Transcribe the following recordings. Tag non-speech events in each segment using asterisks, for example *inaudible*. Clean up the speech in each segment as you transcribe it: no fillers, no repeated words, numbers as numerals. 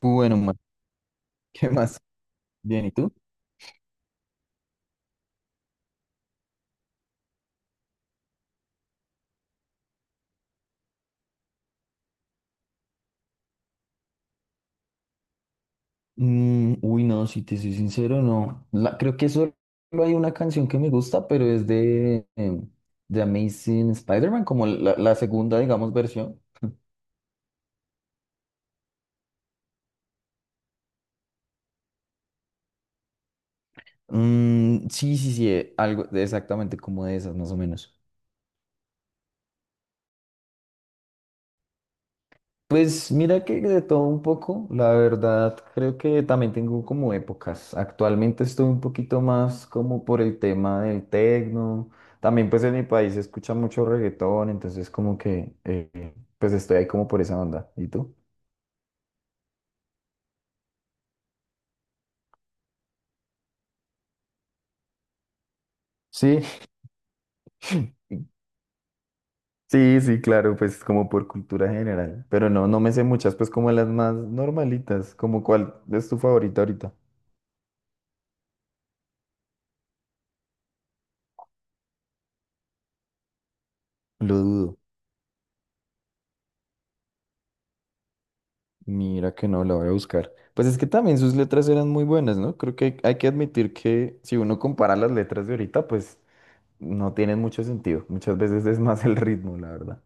Bueno, ma- *laughs* ¿qué más? Bien, ¿y tú? Mm, uy, no, si te soy sincero, no. La- creo que solo hay una canción que me gusta, pero es de Amazing Spider-Man, como la segunda, digamos, versión. Mm, sí, sí, sí, algo de- exactamente como de esas, más o menos. Pues mira que de todo un poco, la verdad creo que también tengo como épocas. Actualmente estoy un poquito más como por el tema del tecno. También pues en mi país se escucha mucho reggaetón, entonces como que pues estoy ahí como por esa onda. ¿Y tú? Sí, *laughs* sí, sí, claro, pues como por cultura general. Pero no, no me sé muchas, pues como las más normalitas, como cuál es tu favorita ahorita. Lo dudo. Mira que no, la voy a buscar. Pues es que también sus letras eran muy buenas, ¿no? Creo que hay que admitir que si uno compara las letras de ahorita, pues no tienen mucho sentido. Muchas veces es más el ritmo, la verdad.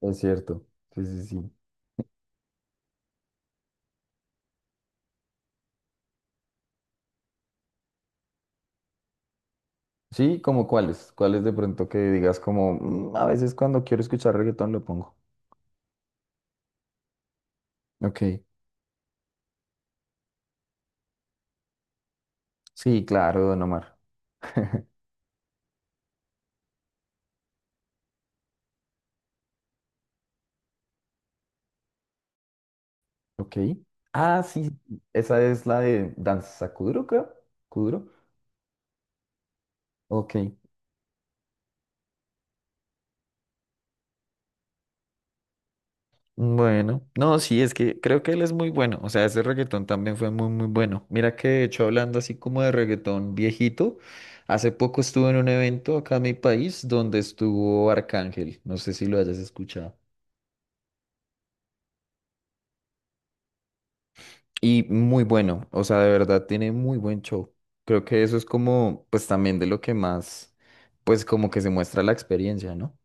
Es cierto. Sí, sí, sí. Sí, como cuáles. Cuáles de pronto que digas como, "Mm, a veces cuando quiero escuchar reggaetón lo pongo". Ok. Sí, claro, Don Omar. Ok. Ah, sí. Esa es la de Danza Kuduro, creo. Kuduro. Ok. Bueno, no, sí, es que creo que él es muy bueno, o sea, ese reggaetón también fue muy, muy bueno. Mira que de hecho hablando así como de reggaetón viejito, hace poco estuve en un evento acá en mi país donde estuvo Arcángel, no sé si lo hayas escuchado. Y muy bueno, o sea, de verdad tiene muy buen show. Creo que eso es como, pues también de lo que más, pues como que se muestra la experiencia, ¿no?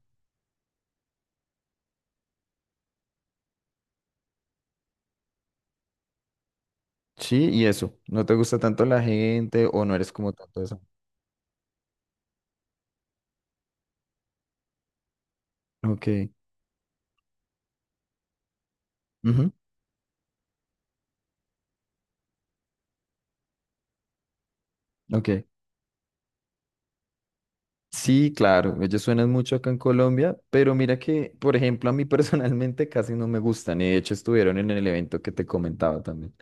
Sí, y eso, no te gusta tanto la gente o no eres como tanto eso. Ok. Ujú. Ok. Sí, claro, ellos suenan mucho acá en Colombia, pero mira que, por ejemplo, a mí *laughs* personalmente casi no me gustan, y de hecho estuvieron en el evento que te comentaba también.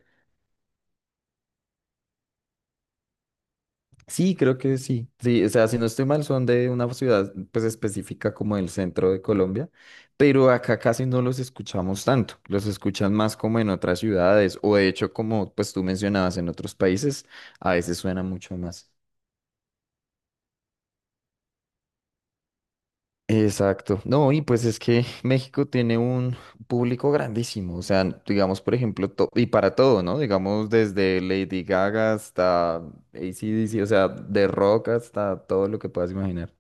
Sí, creo que sí, sí, o sea, si no estoy mal, son de una ciudad pues específica como el centro de Colombia, pero acá casi no los escuchamos tanto, los escuchan más como en otras ciudades, o de hecho como pues tú mencionabas en otros países, a veces suena mucho más. Exacto. No, y pues es que *laughs* México tiene un público grandísimo, o sea, digamos, por ejemplo, to- y para todo, ¿no? Digamos, desde Lady Gaga hasta AC/DC, o sea, de rock hasta todo lo que puedas imaginar.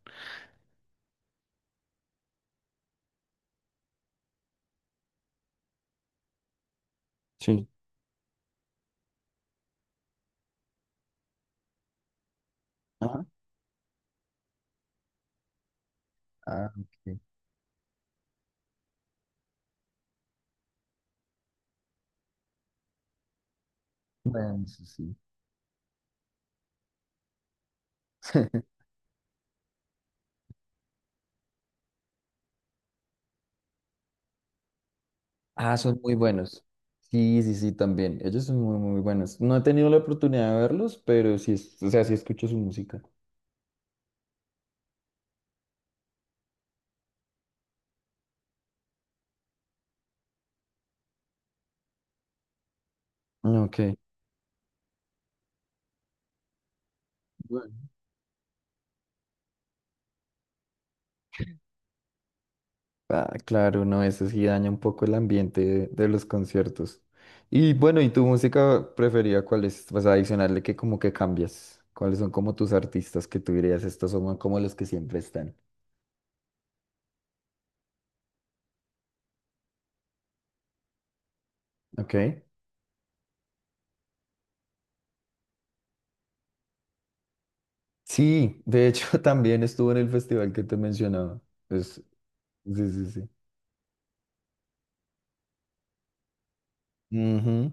Sí. Ajá. Ah, ok. Bueno, eso sí. *laughs* Ah, son muy buenos. Sí, sí, sí, también. Ellos son muy, muy buenos. No he tenido la oportunidad de verlos, pero sí, es- o sea, sí escucho su música. Ok. Ah, claro, no, eso sí daña un poco el ambiente de los conciertos. Y bueno, ¿y tu música preferida cuál es? Vas a adicionarle que como que cambias. ¿Cuáles son como tus artistas que tú dirías, estos son como los que siempre están? Ok. Sí, de hecho *laughs* también estuvo en el festival que te mencionaba. Pues, sí, sí, sí. Ujú.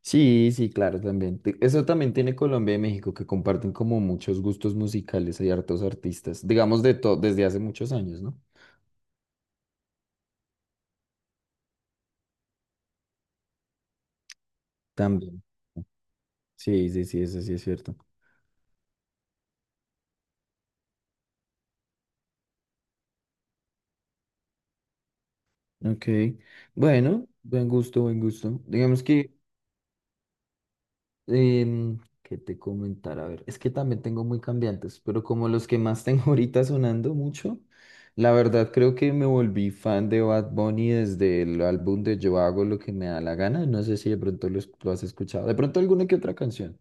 Sí, sí, claro, también. Te- Eso también tiene Colombia y México, que comparten como muchos gustos musicales y hartos artistas, digamos de todo, desde hace muchos años, ¿no? También. Sí, sí, sí, eso sí es cierto. Ok, bueno, buen gusto, buen gusto. Digamos que, ¿qué te comentar? A ver, es que también tengo muy cambiantes, pero como los que más tengo *laughs* ahorita sonando mucho, la verdad creo que me volví fan de Bad Bunny desde el álbum de Yo hago lo que me da la gana. No sé si de pronto lo, es- lo has escuchado. De pronto alguna que otra canción.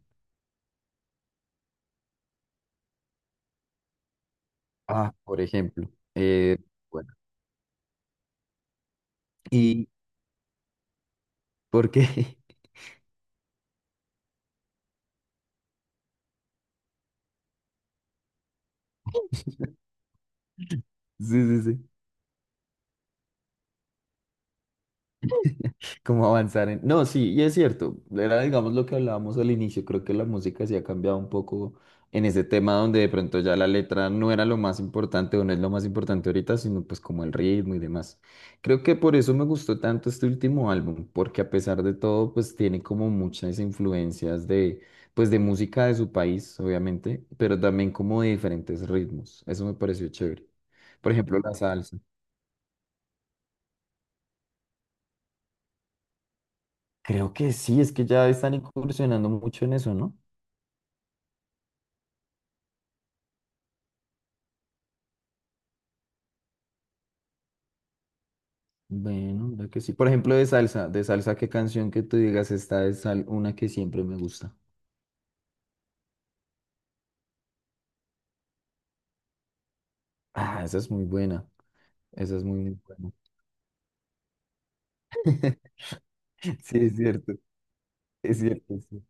Ah, por ejemplo. Bueno, ¿y por qué? *laughs* Sí, sí, sí. Como avanzar en... No, sí, y es cierto. Era, digamos, lo que hablábamos al inicio. Creo que la música sí ha cambiado un poco en ese tema donde de pronto ya la letra no era lo más importante o no es lo más importante ahorita, sino pues como el ritmo y demás. Creo que por eso me gustó tanto este último álbum, porque a pesar de todo, pues tiene como muchas influencias de, pues de música de su país, obviamente, pero también como de diferentes ritmos. Eso me pareció chévere. Por ejemplo, la salsa. Creo que sí, es que ya están incursionando mucho en eso, ¿no? Bueno, mira que sí. Por ejemplo, de salsa, ¿qué canción que tú digas esta es sal- una que siempre me gusta? Ah, esa es muy buena. Esa es muy, muy buena. *laughs* Sí, es cierto. Es cierto, sí.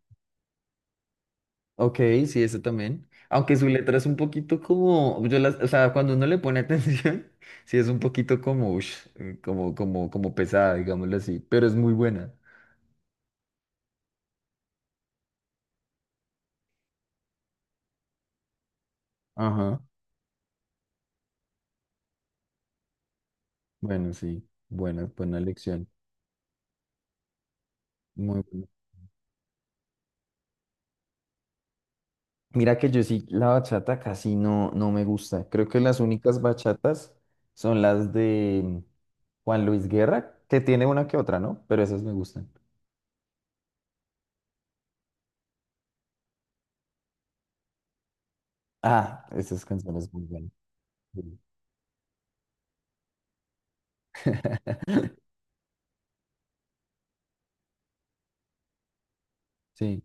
Ok, sí, esa también. Aunque su letra es un poquito como, yo las, o sea, cuando uno le pone atención, *laughs* sí es un poquito como, ush, como, como pesada, digámoslo así, pero es muy buena. Ajá. Bueno, sí. Buena, buena lección. Muy buena. Mira que yo sí, la bachata casi no, no me gusta. Creo que las únicas bachatas son las de Juan Luis Guerra, que tiene una que otra, ¿no? Pero esas me gustan. Ah, esas canciones muy buenas. Sí. *laughs* Sí,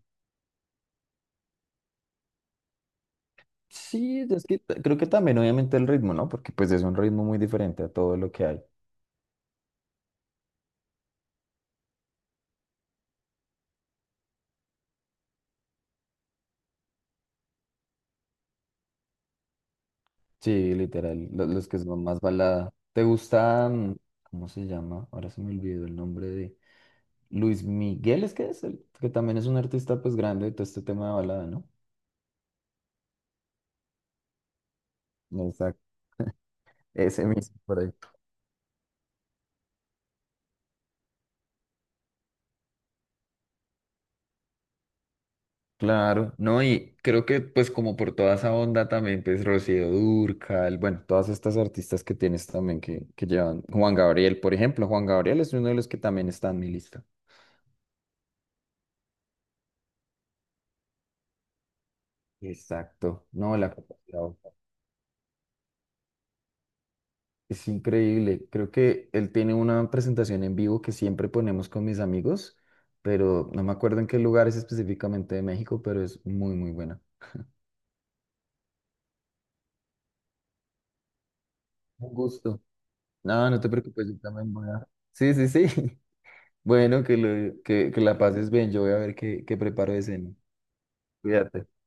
sí, es que t- creo que también obviamente el ritmo, ¿no? Porque pues es un ritmo muy diferente a todo lo que hay. Sí, literal, lo- los, que son más balada. ¿Te gusta, mm, cómo se llama? Ahora se me olvidó el nombre de Luis Miguel, es que es el, que también es un artista pues grande de todo este tema de balada, ¿no? Exacto. Ese mismo por ahí. Claro, no, y creo que pues como por toda esa onda también, pues Rocío Dúrcal, bueno, todas estas artistas que tienes también que llevan, Juan Gabriel, por ejemplo, Juan Gabriel es uno de los que también está en mi lista. Exacto, no, la capacidad vocal es increíble, creo que él tiene una presentación en vivo que siempre ponemos con mis amigos, pero no me acuerdo en qué lugar es específicamente de México, pero es muy, muy buena. Un gusto. No, no te preocupes, yo también voy a... Sí, sí, sí. Bueno, que, lo- que la pases bien. Yo voy a ver qué preparo de cena. Cuídate.